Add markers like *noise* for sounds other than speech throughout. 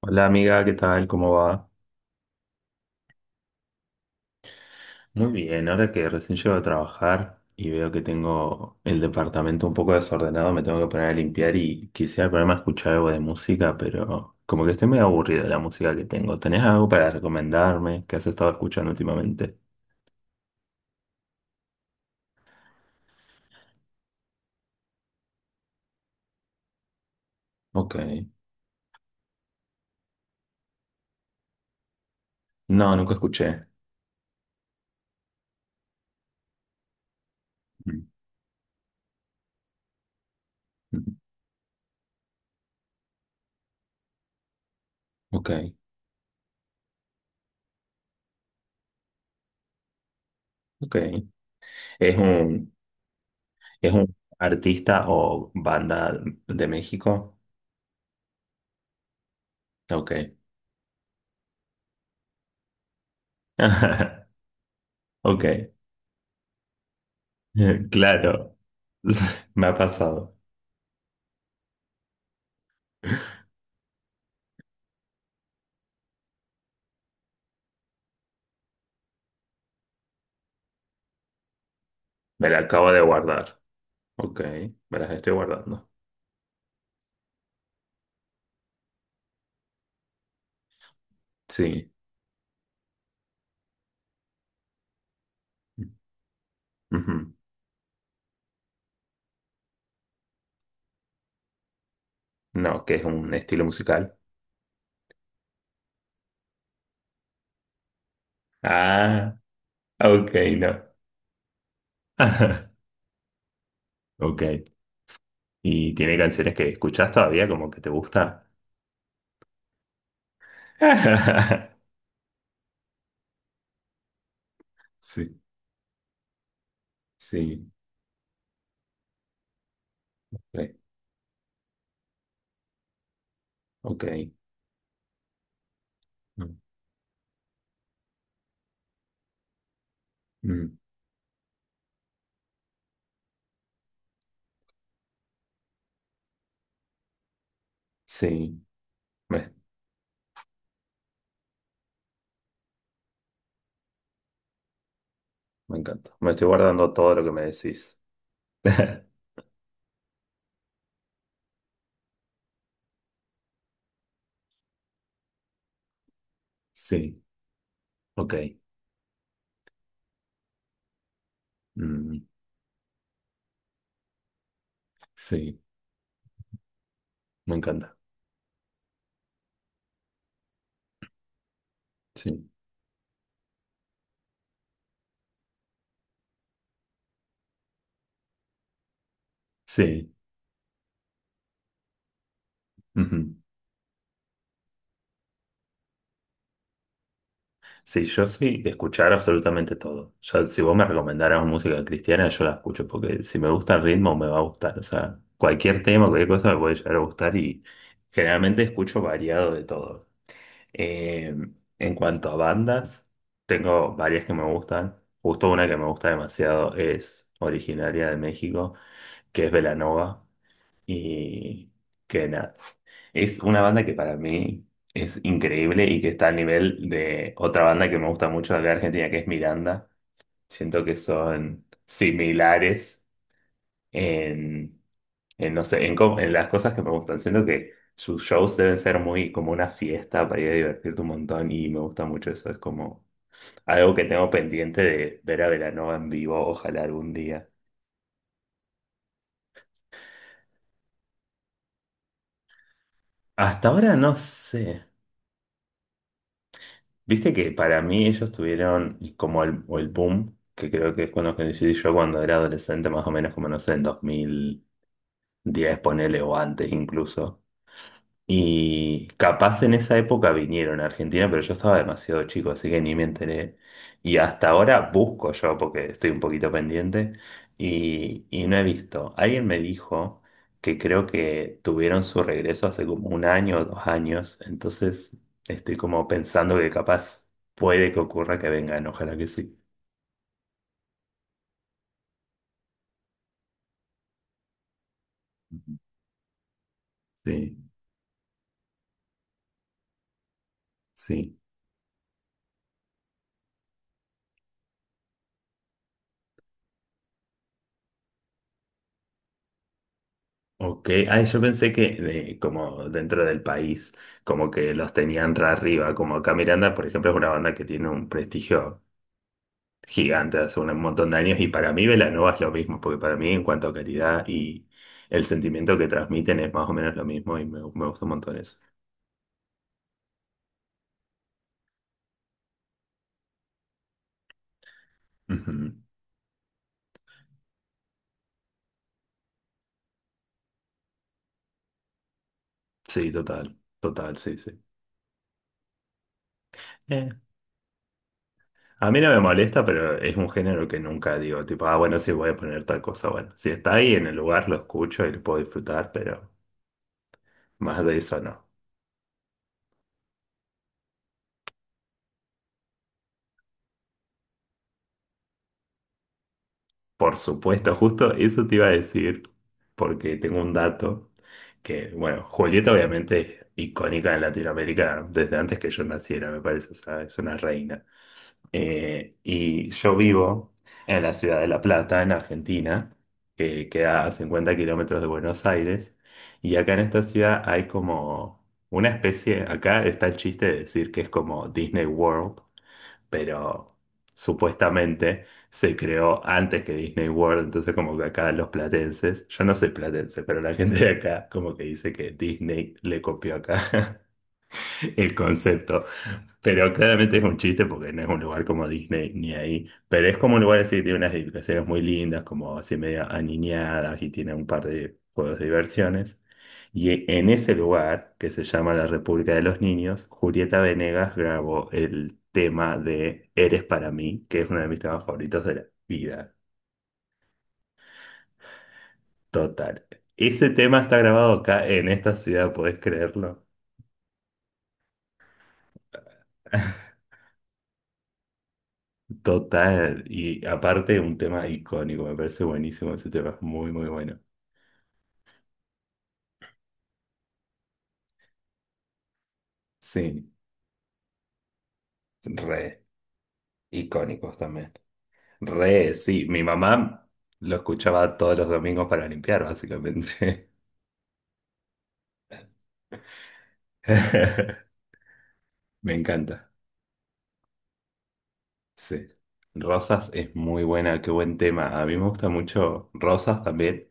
Hola amiga, ¿qué tal? ¿Cómo va? Muy bien, ahora que recién llego a trabajar y veo que tengo el departamento un poco desordenado, me tengo que poner a limpiar y quisiera ponerme a escuchar algo de música, pero como que estoy medio aburrido de la música que tengo. ¿Tenés algo para recomendarme que has estado escuchando últimamente? Ok. No, nunca escuché. Mm, mm. Ok, ok. ¿Es un, es un artista o banda de México? Ok. *laughs* Ok. *laughs* Claro. *laughs* Me ha pasado. Me la acabo de guardar. Ok, me las estoy guardando. Sí. Ujú. No, ¿que es un estilo musical? Ah, ok, no. *laughs* Ok. ¿Y tiene canciones que escuchas todavía como que te gusta? *laughs* Sí, sí. Ok, ok. Mm, mm. Sí, me, me encanta. Me estoy guardando todo lo que me decís. *laughs* Sí, ok. Mm. Sí, me encanta. Sí, sí. Sí, yo soy de escuchar absolutamente todo. Ya, si vos me recomendaras música cristiana, yo la escucho, porque si me gusta el ritmo, me va a gustar. O sea, cualquier tema, cualquier cosa me puede llegar a gustar y generalmente escucho variado de todo. Eh, en cuanto a bandas, tengo varias que me gustan. Justo una que me gusta demasiado es originaria de México, que es Belanova. Y que nada, es una banda que para mí es increíble y que está al nivel de otra banda que me gusta mucho de acá de Argentina, que es Miranda. Siento que son similares en, no sé, en las cosas que me gustan. Siento que sus shows deben ser muy como una fiesta para ir a divertirte un montón y me gusta mucho eso. Es como algo que tengo pendiente de ver a Belanova en vivo, ojalá algún día. Hasta ahora no sé. Viste que para mí ellos tuvieron como el, o el boom, que creo que es cuando conocí yo cuando era adolescente, más o menos como no sé, en 2010, ponele o antes incluso, y capaz en esa época vinieron a Argentina, pero yo estaba demasiado chico, así que ni me enteré. Y hasta ahora busco yo, porque estoy un poquito pendiente, y no he visto. Alguien me dijo que creo que tuvieron su regreso hace como un año o dos años, entonces estoy como pensando que capaz puede que ocurra que vengan, ojalá que sí. Sí, sí. Ok, ah, yo pensé que como dentro del país, como que los tenían re arriba, como acá Miranda, por ejemplo, es una banda que tiene un prestigio gigante hace un montón de años y para mí Belanova es lo mismo, porque para mí en cuanto a calidad y el sentimiento que transmiten es más o menos lo mismo y me gusta un montón eso. Ujú. Sí, total, total, sí, sí. Eh, a mí no me molesta, pero es un género que nunca digo, tipo, ah, bueno, sí voy a poner tal cosa, bueno, si está ahí en el lugar lo escucho y lo puedo disfrutar, pero más de eso no. Por supuesto, justo eso te iba a decir, porque tengo un dato que, bueno, Julieta obviamente es icónica en Latinoamérica desde antes que yo naciera, me parece, o sea, es una reina. Y yo vivo en la ciudad de La Plata, en Argentina, que queda a 50 kilómetros de Buenos Aires, y acá en esta ciudad hay como una especie, acá está el chiste de decir que es como Disney World, pero supuestamente se creó antes que Disney World, entonces como que acá los platenses, yo no soy platense, pero la gente de acá como que dice que Disney le copió acá *laughs* el concepto. Pero claramente es un chiste porque no es un lugar como Disney ni ahí. Pero es como un lugar así que tiene unas edificaciones muy lindas, como así media aniñadas y tiene un par de juegos de diversiones. Y en ese lugar, que se llama la República de los Niños, Julieta Venegas grabó el tema de Eres para mí, que es uno de mis temas favoritos de la vida. Total. Ese tema está grabado acá en esta ciudad, ¿podés creerlo? Total, y aparte un tema icónico, me parece buenísimo ese tema, es muy, muy bueno. Sí, re, icónicos también. Re, sí, mi mamá lo escuchaba todos los domingos para limpiar, básicamente. *laughs* Me encanta, sí. Rosas es muy buena, qué buen tema. A mí me gusta mucho Rosas también,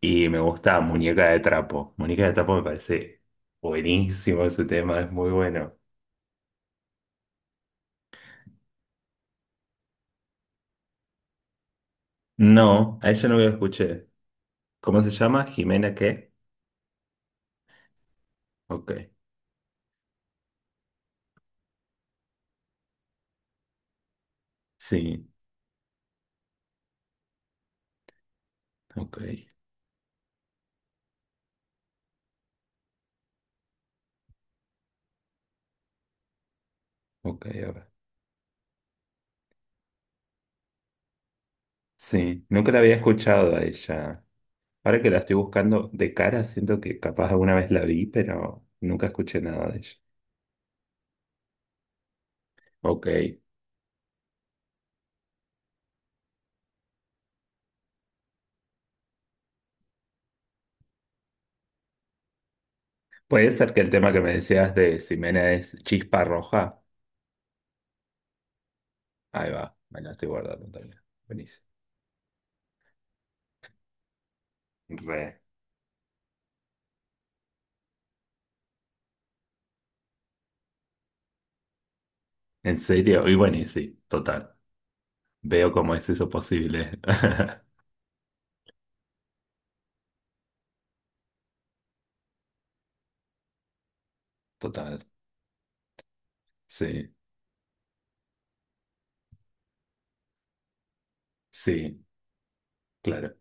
y me gusta Muñeca de Trapo. Muñeca de Trapo me parece buenísimo ese tema, es muy bueno. No, a ella no lo escuché. ¿Cómo se llama? ¿Jimena qué? Ok. Sí, ok, ok, ahora. Sí, nunca la había escuchado a ella. Ahora que la estoy buscando de cara, siento que capaz alguna vez la vi, pero nunca escuché nada de ella. Ok. Puede ser que el tema que me decías de Jimena es Chispa Roja. Ahí va, me la estoy guardando también. Buenísimo. Re. ¿En serio? Y bueno, y sí, total. Veo cómo es eso posible. *laughs* Total. Sí, sí, claro.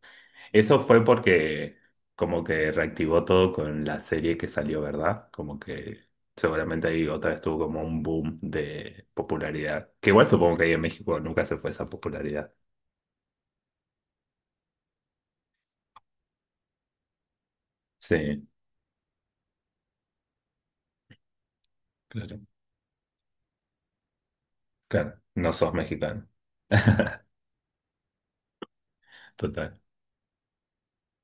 Eso fue porque como que reactivó todo con la serie que salió, ¿verdad? Como que seguramente ahí otra vez tuvo como un boom de popularidad. Que igual supongo que ahí en México nunca se fue esa popularidad. Sí, claro. Claro, no sos mexicano. Total.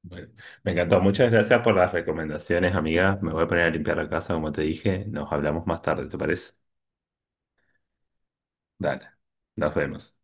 Bueno, me encantó. Muchas gracias por las recomendaciones, amiga. Me voy a poner a limpiar la casa, como te dije. Nos hablamos más tarde, ¿te parece? Dale. Nos vemos.